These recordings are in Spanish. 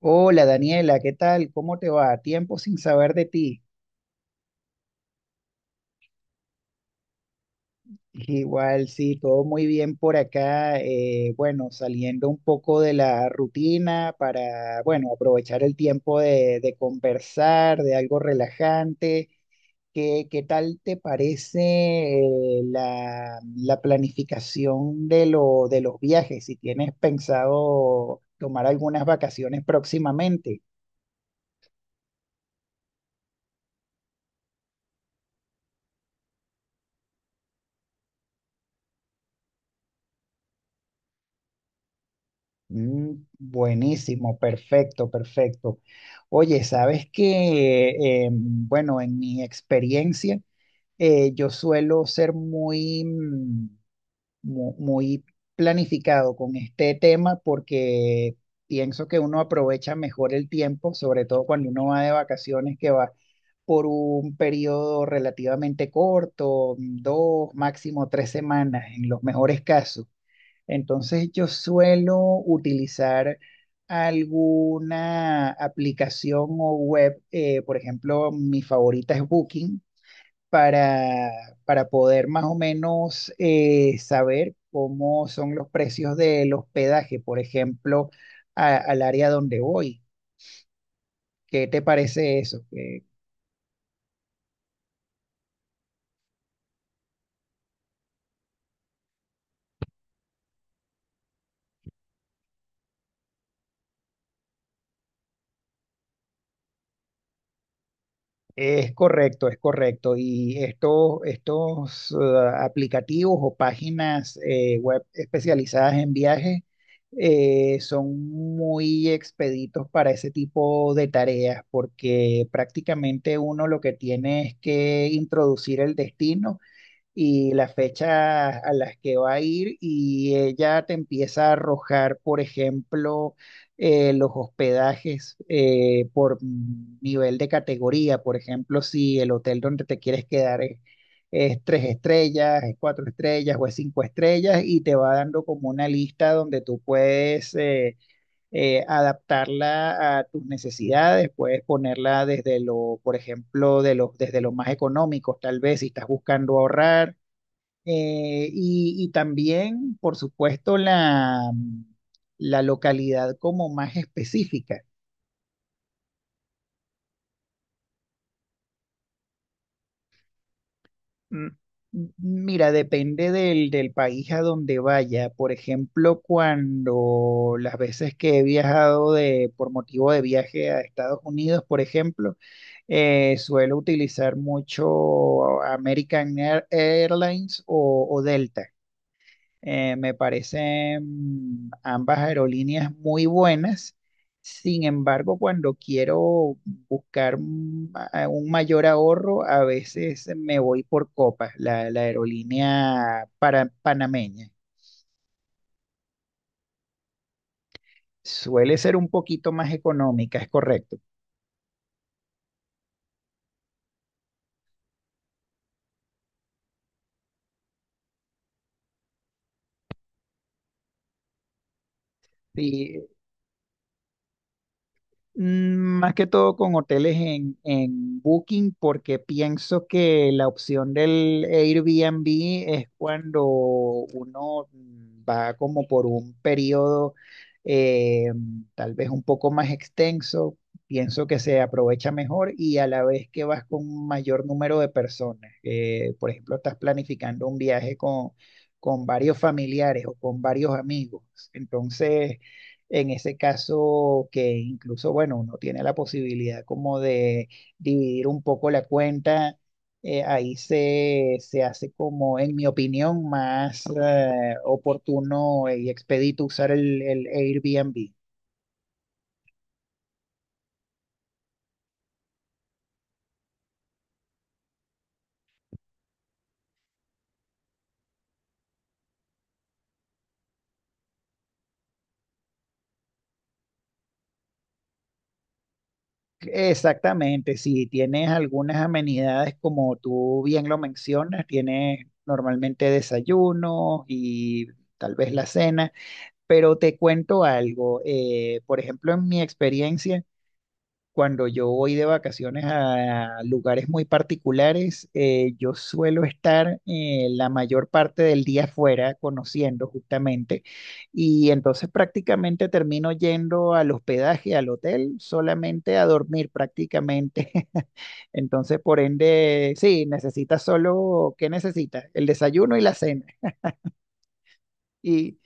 Hola Daniela, ¿qué tal? ¿Cómo te va? Tiempo sin saber de ti. Igual, sí, todo muy bien por acá. Bueno, Saliendo un poco de la rutina para, bueno, aprovechar el tiempo de conversar, de algo relajante. ¿Qué tal te parece la planificación de los viajes? Si tienes pensado tomar algunas vacaciones próximamente. Buenísimo, perfecto, perfecto. Oye, sabes que, bueno, en mi experiencia, yo suelo ser muy, muy planificado con este tema, porque pienso que uno aprovecha mejor el tiempo, sobre todo cuando uno va de vacaciones, que va por un periodo relativamente corto, dos, máximo tres semanas, en los mejores casos. Entonces yo suelo utilizar alguna aplicación o web, por ejemplo, mi favorita es Booking, para, para poder más o menos saber cómo son los precios del hospedaje, por ejemplo, al área donde voy. ¿Qué te parece eso? Es correcto, es correcto. Y estos aplicativos o páginas web especializadas en viajes son muy expeditos para ese tipo de tareas, porque prácticamente uno lo que tiene es que introducir el destino y las fechas a las que va a ir, y ella te empieza a arrojar, por ejemplo, los hospedajes por nivel de categoría. Por ejemplo, si el hotel donde te quieres quedar es tres estrellas, es cuatro estrellas o es cinco estrellas, y te va dando como una lista donde tú puedes... adaptarla a tus necesidades. Puedes ponerla desde por ejemplo, de los desde lo más económico, tal vez si estás buscando ahorrar, y también, por supuesto, la localidad como más específica. Mm, Mira, depende del país a donde vaya. Por ejemplo, cuando las veces que he viajado por motivo de viaje a Estados Unidos, por ejemplo, suelo utilizar mucho American Airlines o Delta. Me parecen ambas aerolíneas muy buenas. Sin embargo, cuando quiero buscar un un mayor ahorro, a veces me voy por Copa, la aerolínea panameña. Suele ser un poquito más económica, es correcto. Sí. Más que todo con hoteles en Booking, porque pienso que la opción del Airbnb es cuando uno, va como por un periodo eh, tal vez un poco más extenso, pienso que se aprovecha mejor, y a la vez que vas con un mayor número de personas. Por ejemplo, estás planificando un viaje con varios familiares o con varios amigos. Entonces... en ese caso, que incluso, bueno, uno tiene la posibilidad como de dividir un poco la cuenta, ahí se hace como, en mi opinión, más oportuno y expedito usar el Airbnb. Exactamente, si tienes algunas amenidades, como tú bien lo mencionas, tienes normalmente desayuno y tal vez la cena, pero te cuento algo, por ejemplo, en mi experiencia, cuando yo voy de vacaciones a lugares muy particulares, yo suelo estar la mayor parte del día afuera, conociendo justamente, y entonces prácticamente termino yendo al hospedaje, al hotel, solamente a dormir prácticamente. Entonces, por ende, sí, necesitas solo, ¿qué necesitas? El desayuno y la cena. Y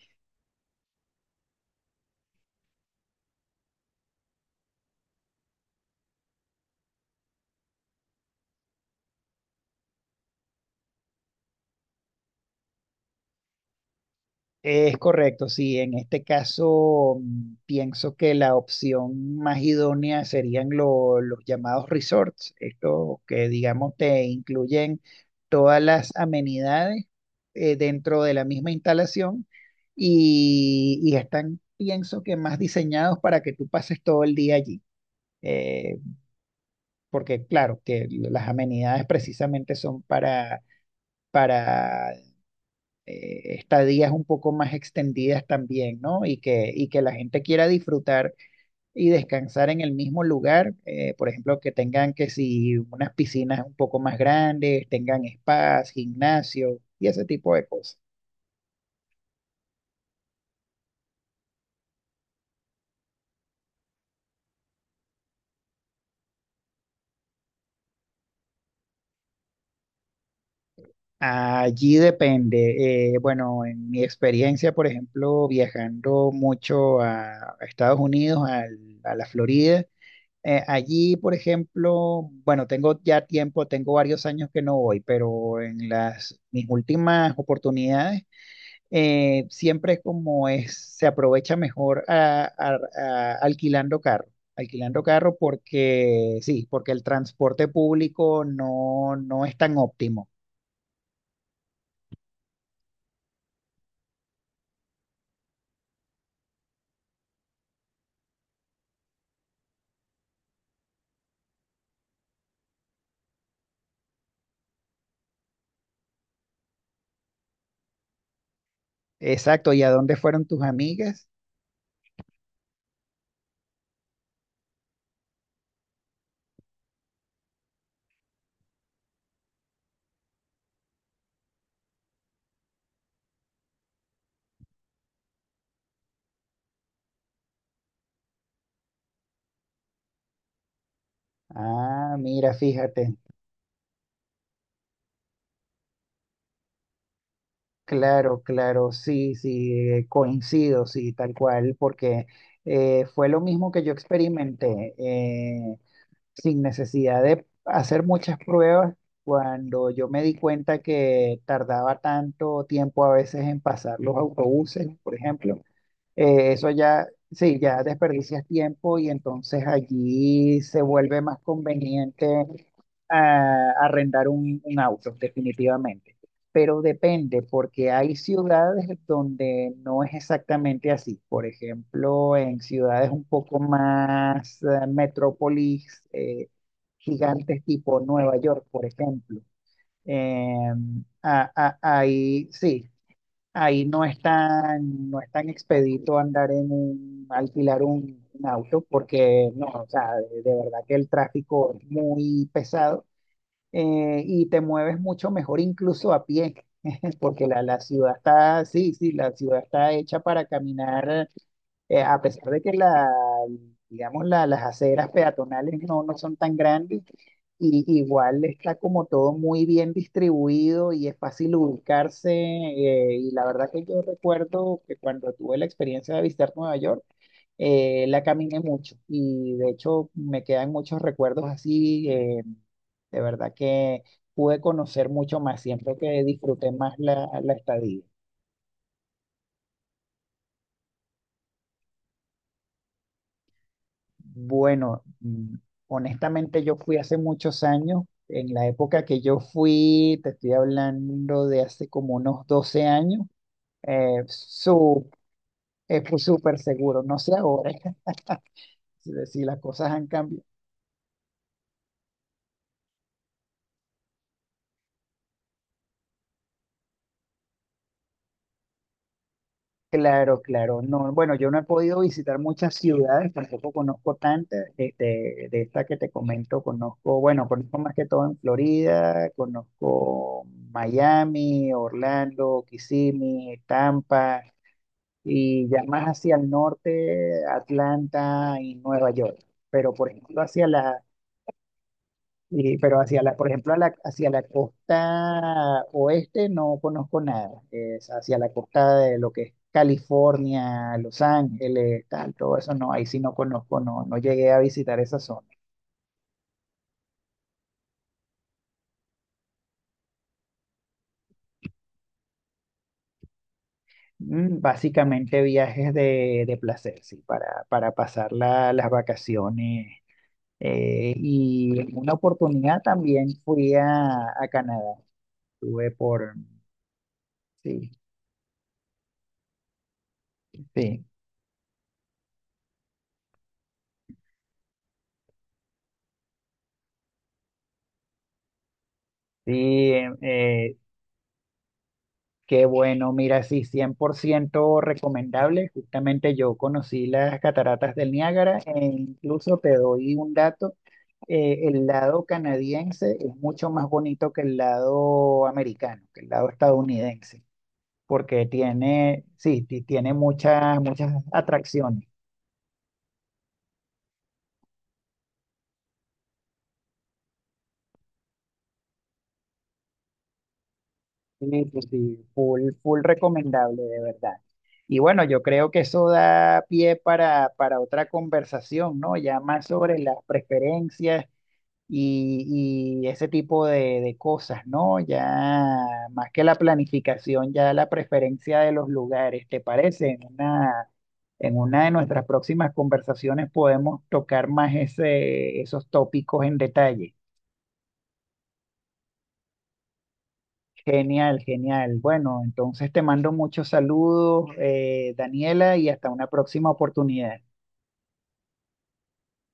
es correcto, sí. En este caso, pienso que la opción más idónea serían los llamados resorts, estos que, digamos, te incluyen todas las amenidades dentro de la misma instalación, y están, pienso, que más diseñados para que tú pases todo el día allí. Eh, Porque, claro, que las amenidades precisamente son para estadías un poco más extendidas también, ¿no? Y y que la gente quiera disfrutar y descansar en el mismo lugar. Eh, por ejemplo, que tengan, que si unas piscinas un poco más grandes, tengan spas, gimnasio y ese tipo de cosas. Allí depende. Bueno, en mi experiencia, por ejemplo, viajando mucho a Estados Unidos, a la Florida, allí, por ejemplo, bueno, tengo ya tiempo, tengo varios años que no voy, pero en las mis últimas oportunidades, siempre es como es, se aprovecha mejor alquilando carro, alquilando carro, porque sí, porque el transporte público no, no es tan óptimo. Exacto, ¿y a dónde fueron tus amigas? Ah, mira, fíjate. Claro, claro, sí, sí, coincido, sí, tal cual, porque fue lo mismo que yo experimenté, sin necesidad de hacer muchas pruebas, cuando yo me di cuenta que tardaba tanto tiempo a veces en pasar los autobuses, por ejemplo. Eso ya, sí, ya desperdicias tiempo, y entonces allí se vuelve más conveniente arrendar un auto, definitivamente. Pero depende, porque hay ciudades donde no es exactamente así. Por ejemplo, en ciudades un poco más metrópolis, gigantes tipo Nueva York, por ejemplo. Eh, Ahí sí, ahí no es tan, no es tan expedito andar en un, alquilar un auto, porque no, o sea, de verdad que el tráfico es muy pesado, y te mueves mucho mejor incluso a pie, porque la ciudad está, sí, sí, la ciudad está hecha para caminar, a pesar de que digamos, las aceras peatonales no, no son tan grandes, y igual está como todo muy bien distribuido y es fácil ubicarse. Y la verdad que yo recuerdo que cuando tuve la experiencia de visitar Nueva York, la caminé mucho, y de hecho me quedan muchos recuerdos así. De verdad que pude conocer mucho más, siento que disfruté más la estadía. Bueno, honestamente yo fui hace muchos años. En la época que yo fui, te estoy hablando de hace como unos 12 años, eh, su, fue súper seguro, no sé ahora si las cosas han cambiado. Claro, claro, no, bueno, yo no he podido visitar muchas ciudades, tampoco conozco tantas, este, de esta que te comento, conozco, bueno, conozco más que todo en Florida. Conozco Miami, Orlando, Kissimmee, Tampa, y ya más hacia el norte, Atlanta y Nueva York. Pero por ejemplo hacia pero hacia la, por ejemplo hacia la costa oeste no conozco nada. Es hacia la costa, de lo que es California, Los Ángeles, tal, todo eso no, ahí sí no conozco, no, no llegué a visitar esa zona. Básicamente viajes de placer, sí, para pasar las vacaciones. Y en una oportunidad también fui a Canadá. Estuve por, sí, sí, sí, eh, qué bueno, mira, sí, 100% recomendable. Justamente yo conocí las cataratas del Niágara, e incluso te doy un dato, el lado canadiense es mucho más bonito que el lado americano, que el lado estadounidense, porque tiene, sí, tiene muchas, muchas atracciones. Sí, sí, sí, full, full recomendable, de verdad. Y bueno, yo creo que eso da pie para otra conversación, ¿no? Ya más sobre las preferencias y ese tipo de cosas, ¿no? Ya más que la planificación, ya la preferencia de los lugares, ¿te parece? En una de nuestras próximas conversaciones podemos tocar más ese, esos tópicos en detalle. Genial, genial. Bueno, entonces te mando muchos saludos, Daniela, y hasta una próxima oportunidad.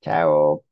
Chao.